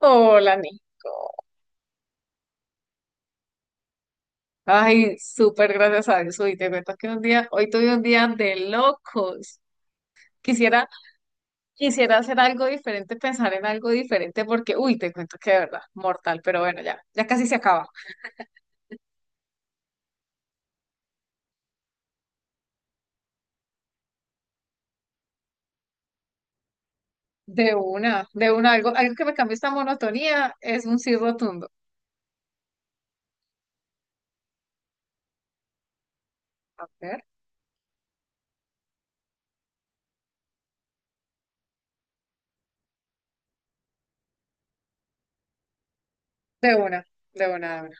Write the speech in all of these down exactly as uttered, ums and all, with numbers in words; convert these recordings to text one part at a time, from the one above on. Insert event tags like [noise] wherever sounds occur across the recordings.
Hola, Nico. Ay, súper gracias a Dios. Uy, te cuento que un día, hoy tuve un día de locos. Quisiera, quisiera hacer algo diferente, pensar en algo diferente, porque, uy, te cuento que de verdad, mortal, pero bueno, ya, ya casi se acaba. De una, de una, algo, algo que me cambie esta monotonía es un sí rotundo. A ver, de una, de una, de una.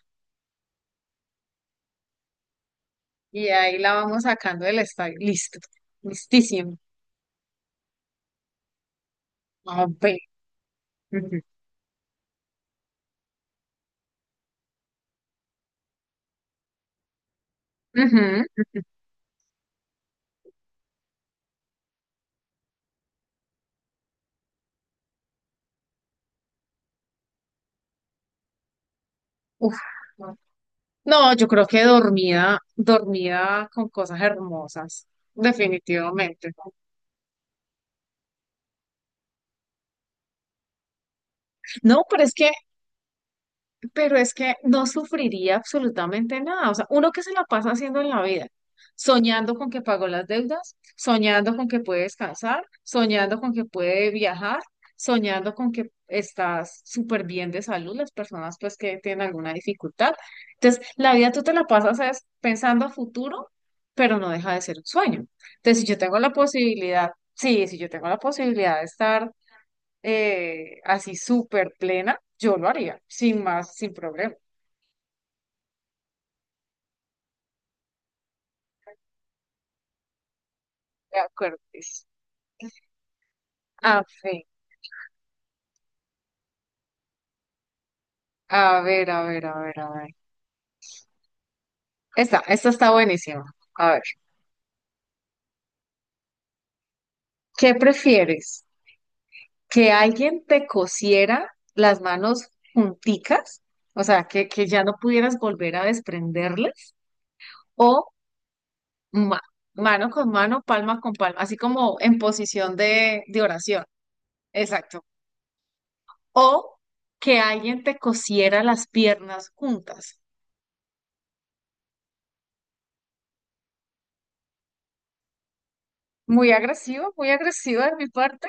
Y ahí la vamos sacando del estadio. Listo, listísimo. A ver. Ujú, ujú, ujú. Uf. No, yo creo que dormida, dormida con cosas hermosas, definitivamente. No, pero es que pero es que no sufriría absolutamente nada. O sea, uno que se la pasa haciendo en la vida, soñando con que pagó las deudas, soñando con que puede descansar, soñando con que puede viajar, soñando con que estás súper bien de salud, las personas pues que tienen alguna dificultad. Entonces, la vida tú te la pasas es pensando a futuro, pero no deja de ser un sueño. Entonces, si yo tengo la posibilidad, sí, si yo tengo la posibilidad de estar eh, así súper plena, yo lo haría, sin más, sin problema. De acuerdo. Liz. A ver, a ver, a ver, a ver, a ver. Esta, esta está buenísima. A ver, ¿qué prefieres? ¿Que alguien te cosiera las manos junticas? O sea, que, que ya no pudieras volver a desprenderlas. O ma- mano con mano, palma con palma, así como en posición de, de oración. Exacto. O que alguien te cosiera las piernas juntas. Muy agresivo, muy agresiva de mi parte.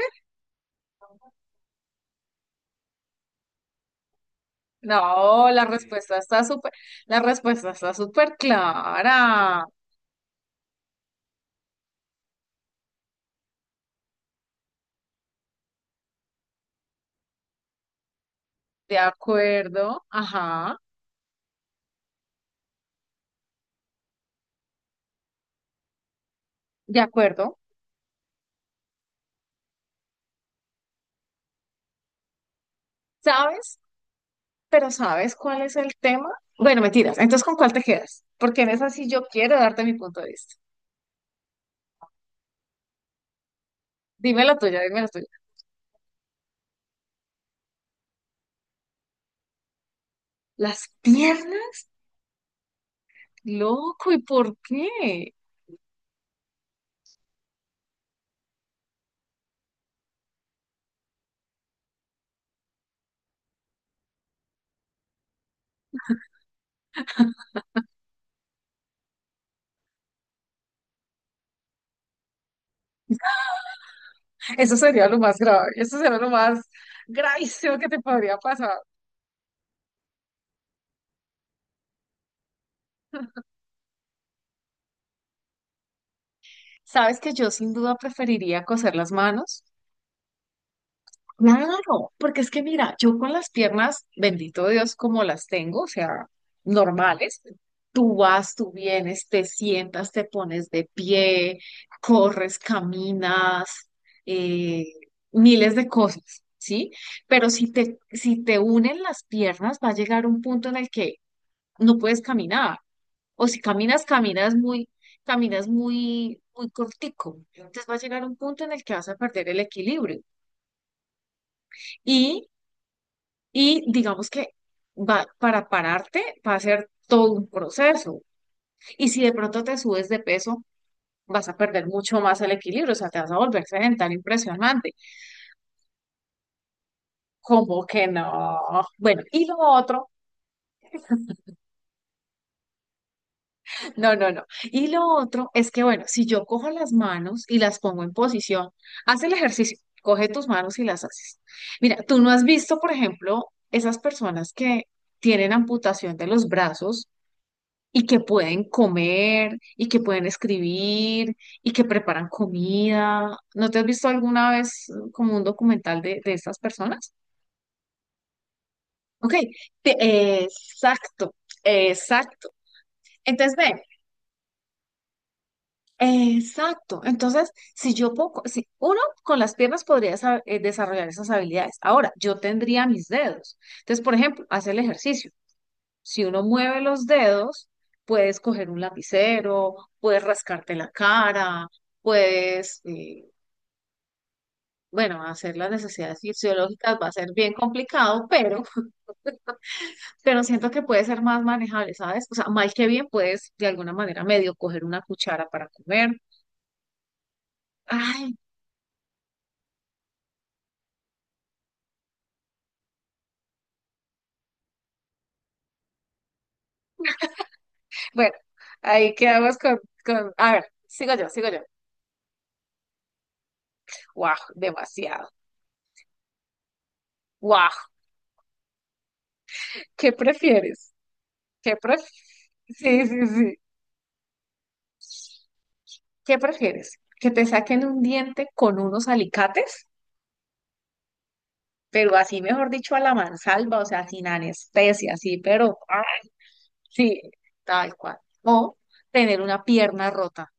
No, la Sí. respuesta está súper, La respuesta está súper clara. De acuerdo, ajá, de acuerdo. ¿Sabes? Pero ¿sabes cuál es el tema? Bueno, mentiras. Entonces, ¿con cuál te quedas? Porque en esa sí yo quiero darte mi punto de vista. Dime la tuya, dime la tuya. Las piernas, loco, ¿y por qué? Eso sería lo más grave, eso sería lo más gravísimo que te podría pasar. ¿Sabes que yo sin duda preferiría coser las manos? Claro, porque es que mira, yo con las piernas, bendito Dios, como las tengo, o sea, normales, tú vas, tú vienes, te sientas, te pones de pie, corres, caminas, eh, miles de cosas, ¿sí? Pero si te, si te unen las piernas, va a llegar un punto en el que no puedes caminar, o si caminas, caminas muy, caminas muy, muy cortico, entonces va a llegar un punto en el que vas a perder el equilibrio. Y Y digamos que va, para pararte va a ser todo un proceso. Y si de pronto te subes de peso, vas a perder mucho más el equilibrio, o sea, te vas a volver sedentario impresionante. ¿Cómo que no? Bueno, y lo otro, no, no, no. Y lo otro es que, bueno, si yo cojo las manos y las pongo en posición, haz el ejercicio, coge tus manos y las haces. Mira, tú no has visto, por ejemplo, esas personas que tienen amputación de los brazos y que pueden comer y que pueden escribir y que preparan comida. ¿No te has visto alguna vez eh, como un documental de, de estas personas? Ok, te- exacto, exacto. Entonces, ve, exacto. Entonces, si yo puedo, co- si uno con las piernas podría sa- eh, desarrollar esas habilidades. Ahora, yo tendría mis dedos. Entonces, por ejemplo, hacer el ejercicio. Si uno mueve los dedos, puedes coger un lapicero, puedes rascarte la cara, puedes, eh, bueno, hacer las necesidades fisiológicas va a ser bien complicado, pero, [laughs] pero siento que puede ser más manejable, ¿sabes? O sea, mal que bien puedes de alguna manera medio coger una cuchara para comer. Ay, bueno, ahí quedamos con, con, a ver, sigo yo, sigo yo. Guau, demasiado. Guau, ¿qué prefieres? ¿Qué prefieres? [laughs] Sí, sí, sí. ¿Qué prefieres? ¿Que te saquen un diente con unos alicates? Pero así, mejor dicho, a la mansalva, o sea, sin anestesia, así, pero ¡ah! Sí, tal cual. O tener una pierna rota.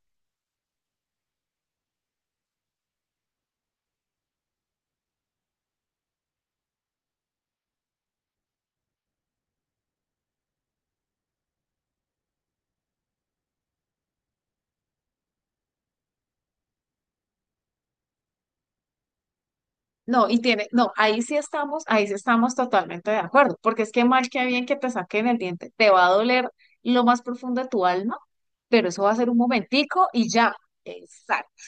No, y tiene, no, ahí sí estamos, ahí sí estamos totalmente de acuerdo, porque es que mal que bien que te saquen el diente, te va a doler lo más profundo de tu alma, pero eso va a ser un momentico y ya. Exacto.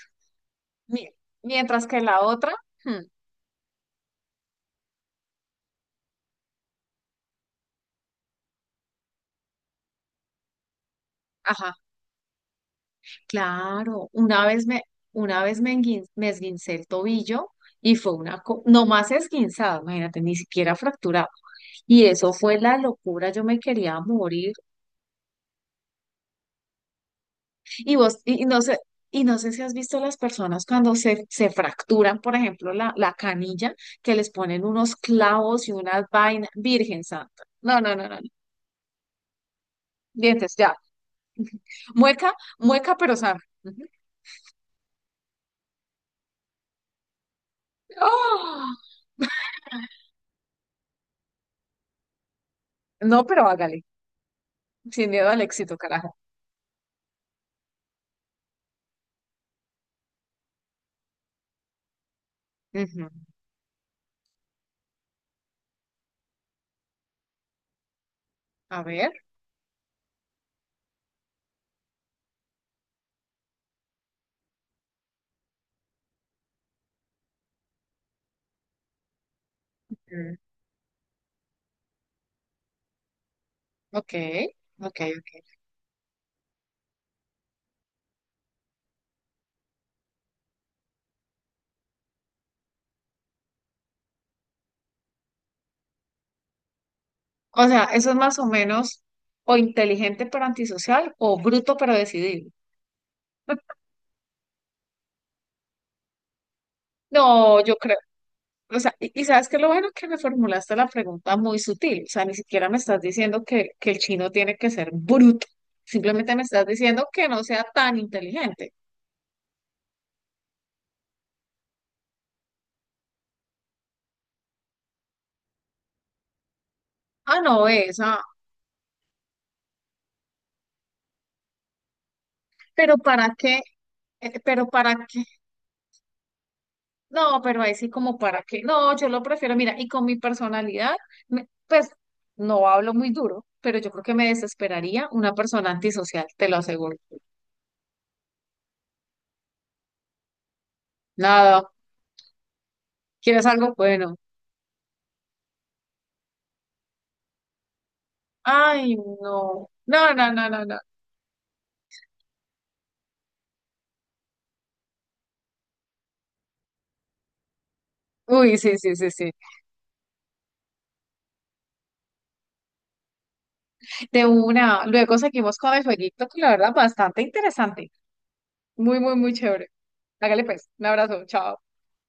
Mira, mientras que la otra, hmm, ajá. Claro, una vez me, una vez me, enguin- me esguincé el tobillo y fue una, co- no más esguinzado, imagínate, ni siquiera fracturado. Y eso fue la locura, yo me quería morir. Y vos, y y no sé, y no sé si has visto las personas cuando se, se fracturan, por ejemplo, la, la canilla, que les ponen unos clavos y unas vainas, Virgen Santa. No, no, no, no, no. Dientes, ya. Mueca, mueca, pero sana. Ujú. ¡Ah! No, pero hágale, sin miedo al éxito, carajo. Ujú. A ver. Mm, Ok, ok. ok. O sea, eso es más o menos o inteligente pero antisocial o bruto pero decidido. [laughs] No, yo creo. O sea, y, y sabes que lo bueno que me formulaste la pregunta muy sutil. O sea, ni siquiera me estás diciendo que, que el chino tiene que ser bruto. Simplemente me estás diciendo que no sea tan inteligente. Ah, no, esa. Pero ¿para qué? Eh, Pero ¿para qué? No, pero ahí sí como para qué. No, yo lo prefiero, mira, y con mi personalidad, me- pues no hablo muy duro, pero yo creo que me desesperaría una persona antisocial, te lo aseguro. Nada, ¿quieres algo? Bueno. Ay, no. No, no, no, no, no. Uy, sí, sí, sí, sí. De una. Luego seguimos con el jueguito, que la verdad bastante interesante. Muy, muy, muy chévere. Hágale pues. Un abrazo. Chao.